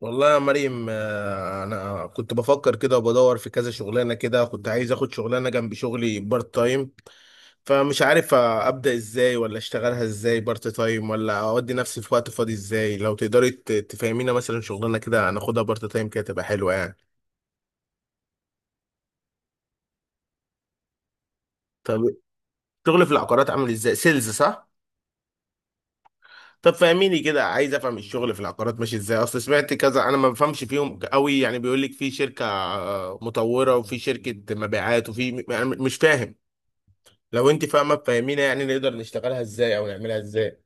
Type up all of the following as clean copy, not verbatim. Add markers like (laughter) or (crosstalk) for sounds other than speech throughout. والله يا مريم، انا كنت بفكر كده وبدور في كذا شغلانه كده. كنت عايز اخد شغلانه جنب شغلي بارت تايم، فمش عارف ابدا ازاي ولا اشتغلها ازاي بارت تايم ولا اودي نفسي في وقت فاضي ازاي. لو تقدري تفهمينا مثلا شغلانه كده هناخدها بارت تايم كده تبقى حلوه يعني. طب شغل في العقارات عامل ازاي؟ سيلز، صح؟ طب فهميني كده، عايز افهم الشغل في العقارات ماشي ازاي، اصل سمعت كذا. انا ما بفهمش فيهم قوي يعني. بيقول لك في شركة مطورة، وفي شركة مبيعات، وفي يعني مش فاهم. لو انت فاهمة فهمينا، يعني نقدر نشتغلها ازاي او نعملها ازاي.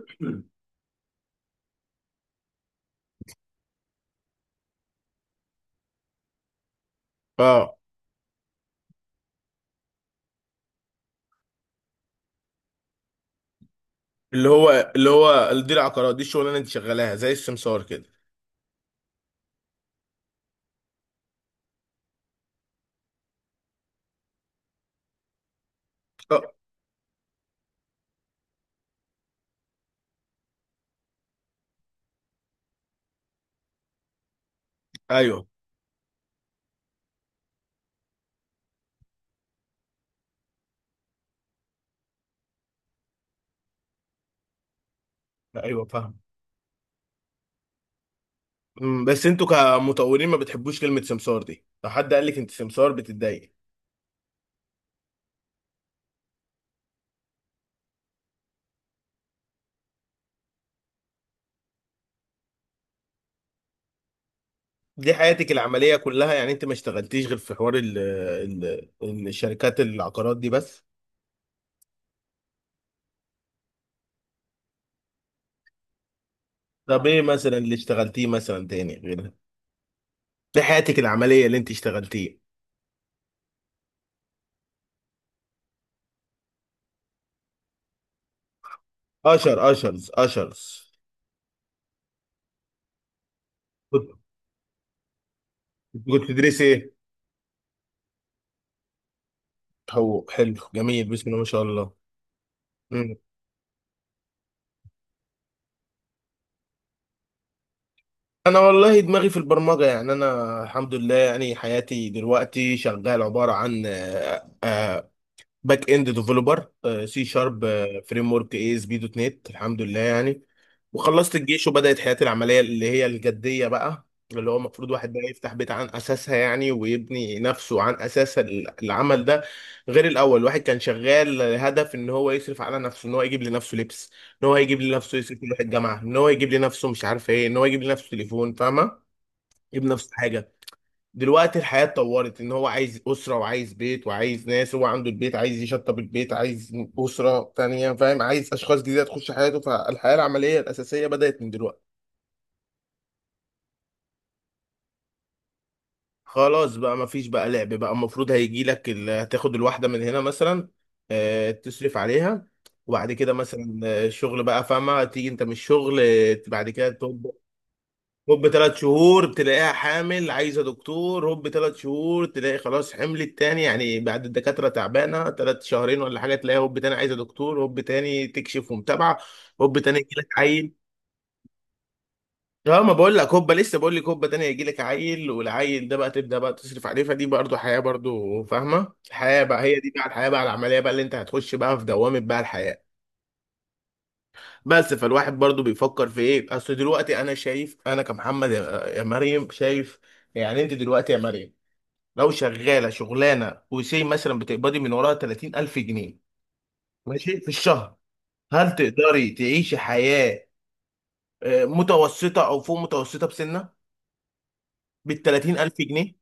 (clears throat) اه. اللي هو دي العقارات، دي الشغلانة اللي انت شغالاها زي السمسار كده. اه، ايوه، ايوه فاهم. بس انتوا كمطورين ما بتحبوش كلمة سمسار دي؟ لو حد قال لك انت سمسار بتتضايق؟ دي حياتك العملية كلها يعني؟ انت ما اشتغلتيش غير في حوار ال الشركات العقارات دي بس؟ طب ايه مثلا اللي اشتغلتيه مثلا تاني غيرها؟ دي حياتك العملية اللي انت اشتغلتيه؟ اشرز. كنت كنت بتدرسي ايه؟ حقوق، حلو، جميل، بسم الله ما شاء الله. مم. انا والله دماغي في البرمجة، يعني انا الحمد لله يعني حياتي دلوقتي شغال عبارة عن باك اند ديفلوبر، سي شارب، فريم ورك اي اس بي دوت نت، الحمد لله يعني. وخلصت الجيش وبدأت حياتي العملية اللي هي الجدية بقى، اللي هو المفروض واحد بقى يفتح بيت عن أساسها يعني، ويبني نفسه عن أساس العمل ده. غير الأول الواحد كان شغال هدف إن هو يصرف على نفسه، إن هو يجيب لنفسه لبس، إن هو يجيب لنفسه يصرف، يروح الجامعة، إن هو يجيب لنفسه مش عارف إيه، إن هو يجيب لنفسه تليفون، فاهمة، يجيب نفسه حاجة. دلوقتي الحياة اتطورت، ان هو عايز اسرة، وعايز بيت، وعايز ناس، هو عنده البيت عايز يشطب البيت، عايز اسرة تانية، فاهم، عايز اشخاص جديدة تخش حياته. فالحياة العملية الاساسية بدأت من دلوقتي. خلاص بقى، مفيش بقى لعب بقى، المفروض هيجي لك هتاخد الواحدة من هنا مثلا، تصرف عليها، وبعد كده مثلا الشغل بقى فاهمة، تيجي انت من الشغل بعد كده تطبخ. هوب، 3 شهور تلاقيها حامل عايزه دكتور، هوب، 3 شهور تلاقي خلاص حملت تاني يعني، بعد الدكاتره تعبانه ثلاث شهرين ولا حاجه تلاقيها هوب تاني عايزه دكتور، هوب تاني تكشف ومتابعه، هوب تاني يجي لك عيل. اه، ما بقول لك هوبا، لسه بقول لك هوبا تاني هيجي لك عيل، والعيل ده بقى تبدا بقى تصرف عليه، فدي برضه حياه برضه، فاهمه. الحياه بقى هي دي بقى، الحياه بقى العمليه بقى اللي انت هتخش بقى في دوامه بقى الحياه. بس فالواحد برضه بيفكر في ايه، اصل دلوقتي انا شايف، انا كمحمد يا مريم شايف، يعني انت دلوقتي يا مريم لو شغاله شغلانه وسي مثلا بتقبضي من وراها 30000 جنيه ماشي في الشهر، هل تقدري تعيشي حياه متوسطه او فوق متوسطه بسنه بال 30000 جنيه؟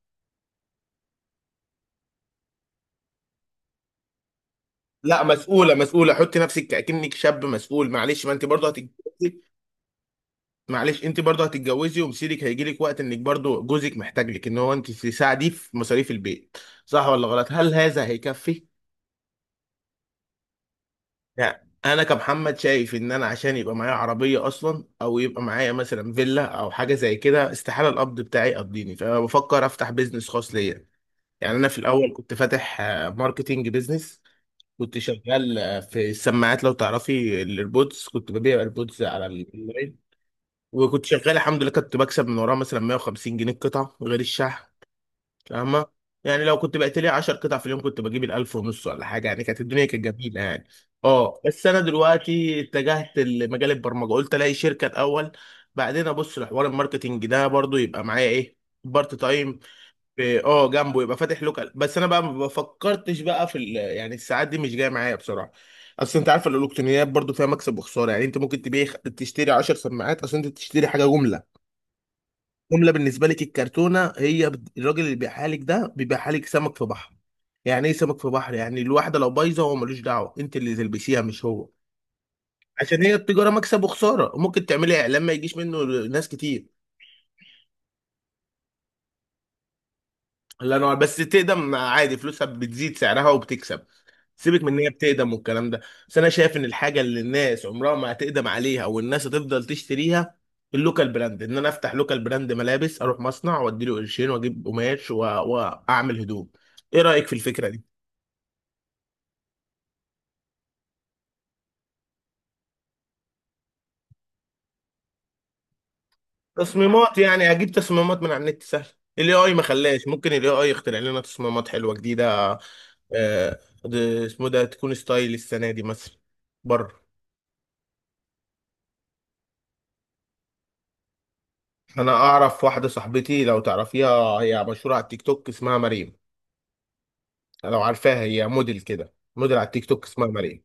لا، مسؤوله مسؤوله، حطي نفسك اكنك شاب مسؤول، معلش ما انت برضه هتتجوزي، معلش انت برضه هتتجوزي ومصيرك هيجي لك وقت انك برضه جوزك محتاج لك ان هو انت تساعديه في مصاريف البيت، صح ولا غلط؟ هل هذا هيكفي؟ يعني انا كمحمد شايف ان انا عشان يبقى معايا عربيه اصلا او يبقى معايا مثلا فيلا او حاجه زي كده، استحاله القبض بتاعي يقضيني، فبفكر افتح بيزنس خاص ليا. يعني انا في الاول كنت فاتح ماركتينج بيزنس، كنت شغال في السماعات لو تعرفي الايربودز، كنت ببيع ايربودز على الاونلاين، وكنت شغال الحمد لله، كنت بكسب من وراها مثلا 150 جنيه القطعه غير الشحن، فاهمة. يعني لو كنت بقيت لي 10 قطع في اليوم كنت بجيب الألف ونص ولا حاجة يعني، كانت الدنيا كانت جميلة يعني. اه، بس أنا دلوقتي اتجهت لمجال البرمجة، قلت ألاقي شركة الأول، بعدين أبص لحوار الماركتينج ده برضو يبقى معايا إيه، بارت تايم جنبه، يبقى فاتح لوكال. بس أنا بقى ما فكرتش بقى في يعني الساعات دي مش جاية معايا بصراحة. أصل أنت عارف الإلكترونيات برضو فيها مكسب وخسارة، يعني أنت ممكن تبيع تشتري 10 سماعات، أصل أنت تشتري حاجة جملة، جمله بالنسبه لك الكرتونه هي الراجل اللي بيبيعها لك ده بيبيعها لك سمك في بحر. يعني ايه سمك في بحر؟ يعني الواحده لو بايظه هو ملوش دعوه، انت اللي تلبسيها مش هو، عشان هي التجاره مكسب وخساره، وممكن تعملي اعلان ما يجيش منه ناس كتير. الله ينور، بس تقدم عادي، فلوسها بتزيد، سعرها وبتكسب، سيبك من ان هي بتقدم والكلام ده. بس انا شايف ان الحاجه اللي الناس عمرها ما هتقدم عليها والناس هتفضل تشتريها، اللوكال براند، ان انا افتح لوكال براند ملابس، اروح مصنع واديله قرشين واجيب قماش واعمل هدوم. ايه رايك في الفكره دي؟ تصميمات يعني اجيب تصميمات من على النت سهل، الاي اي ما خلاش ممكن الاي اي يخترع لنا تصميمات حلوه جديده. آه، اسمه ده تكون ستايل السنه دي مثلا، بره. انا اعرف واحده صاحبتي لو تعرفيها، هي مشهوره على التيك توك، اسمها مريم، لو عارفاها، هي موديل كده، موديل على التيك توك، اسمها مريم،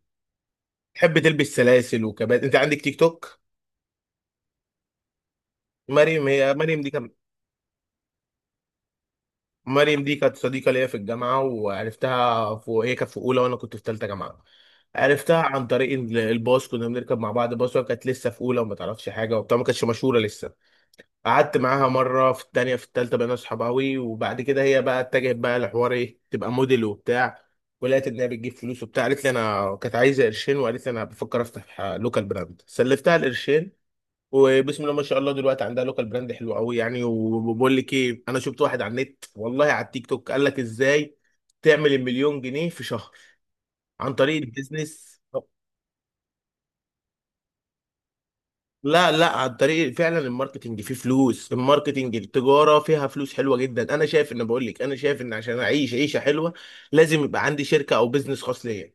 تحب تلبس سلاسل وكبات، انت عندك تيك توك؟ مريم هي مريم دي كانت مريم دي كانت صديقه ليا في الجامعه، وعرفتها هي كانت في اولى وانا كنت في ثالثه جامعه، عرفتها عن طريق الباص، كنا بنركب مع بعض باص، وهي كانت لسه في اولى وما تعرفش حاجه وبتاع، ما كانتش مشهوره لسه. قعدت معاها مرة في التانية في التالتة بقينا صحاب أوي، وبعد كده هي بقى اتجهت بقى لحوار إيه، تبقى موديل وبتاع، ولقيت إن هي بتجيب فلوس وبتاع، قالت لي أنا كانت عايزة قرشين، وقالت لي أنا بفكر أفتح لوكال براند، سلفتها القرشين، وبسم الله ما شاء الله دلوقتي عندها لوكال براند حلو أوي يعني. وبقول لك إيه، أنا شفت واحد على النت، والله على التيك توك، قال لك إزاي تعمل المليون جنيه في شهر عن طريق البيزنس. لا، لا، على الطريق فعلا، الماركتنج فيه فلوس، الماركتنج التجارة فيها فلوس حلوة جدا. انا شايف ان بقول لك انا شايف ان عشان اعيش عيشة حلوة لازم يبقى عندي شركة او بزنس خاص ليا.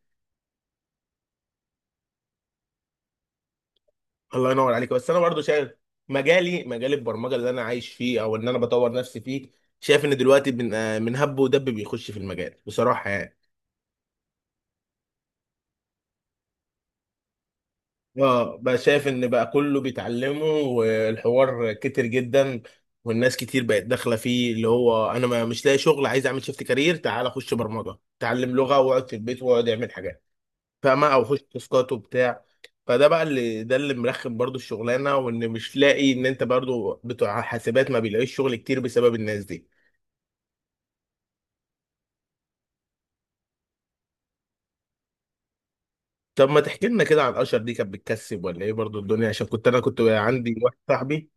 الله ينور عليك. بس انا برضو شايف مجالي مجال البرمجة اللي انا عايش فيه او ان انا بطور نفسي فيه، شايف ان دلوقتي من هب ودب بيخش في المجال بصراحة يعني. اه، بقى شايف ان بقى كله بيتعلمه والحوار كتر جدا، والناس كتير بقت داخله فيه، اللي هو انا ما مش لاقي شغل عايز اعمل شيفت كارير، تعال اخش برمجه اتعلم لغه واقعد في البيت واقعد اعمل حاجات فاهمه، او اخش تاسكات وبتاع. فده بقى ده اللي مرخم برضو الشغلانه، وان مش لاقي ان انت برضو بتوع حاسبات ما بيلاقيش شغل كتير بسبب الناس دي. طب ما تحكي لنا كده عن اشر، دي كانت بتكسب ولا ايه برضو الدنيا، عشان كنت انا كنت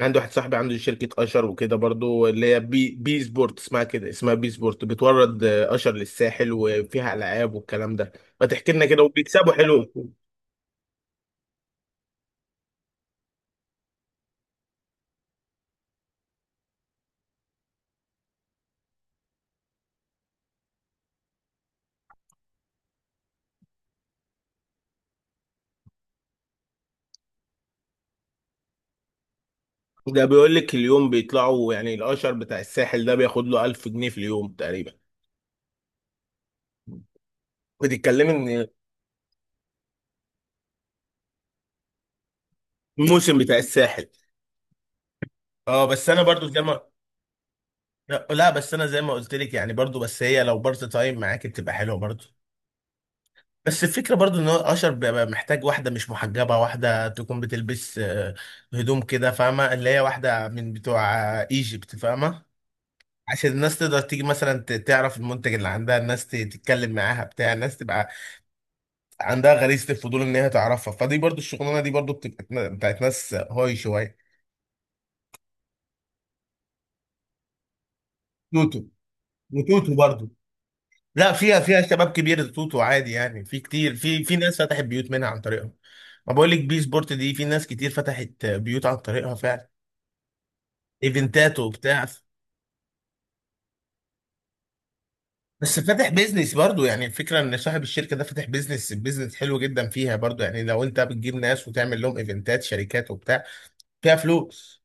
عندي واحد صاحبي عنده شركة أشر وكده برضو، اللي هي بي سبورت، اسمها بي سبورت، بتورد أشر للساحل، وفيها ألعاب والكلام ده. ما تحكي لنا كده، وبيكسبوا حلو؟ ده بيقول لك اليوم بيطلعوا يعني الأشر بتاع الساحل ده بياخد له 1000 جنيه في اليوم تقريبا، بتتكلمي إن الموسم بتاع الساحل؟ اه، بس انا برضو زي ما، لا، لا، بس انا زي ما قلت لك يعني برضو، بس هي لو بارت تايم معاك بتبقى حلوه برضو. بس الفكرة برضو ان هو اشر بيبقى محتاج واحدة مش محجبة، واحدة تكون بتلبس هدوم كده فاهمة، اللي هي واحدة من بتوع ايجيبت فاهمة، عشان الناس تقدر تيجي مثلا تعرف المنتج اللي عندها، الناس تتكلم معاها بتاع، الناس تبقى عندها غريزة الفضول ان هي تعرفها، فدي برضو الشغلانة دي برضو بتبقى بتاعت ناس هاي شوية. توتو وتوتو برضو، لا فيها شباب كبير توتو عادي، يعني في كتير في ناس فتحت بيوت منها عن طريقهم، ما بقول لك بي سبورت دي في ناس كتير فتحت بيوت عن طريقها فعلا، ايفنتات وبتاع. بس فاتح بيزنس برضو يعني الفكره ان صاحب الشركه ده فاتح بيزنس حلو جدا فيها برضو، يعني لو انت بتجيب ناس وتعمل لهم ايفنتات شركات وبتاع فيها فلوس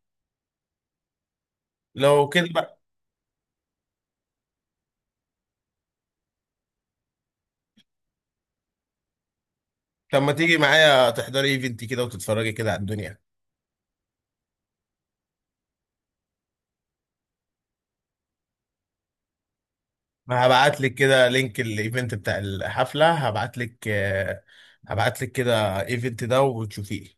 لو كده بقى. طب ما تيجي معايا تحضري ايفنت كده وتتفرجي كده على الدنيا؟ ما هبعت لك كده لينك الايفنت بتاع الحفله، هبعت لك كده ايفنت ده وتشوفيه.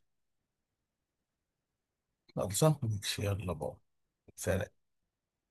خلصان ماشي، يلا بقى. سلام.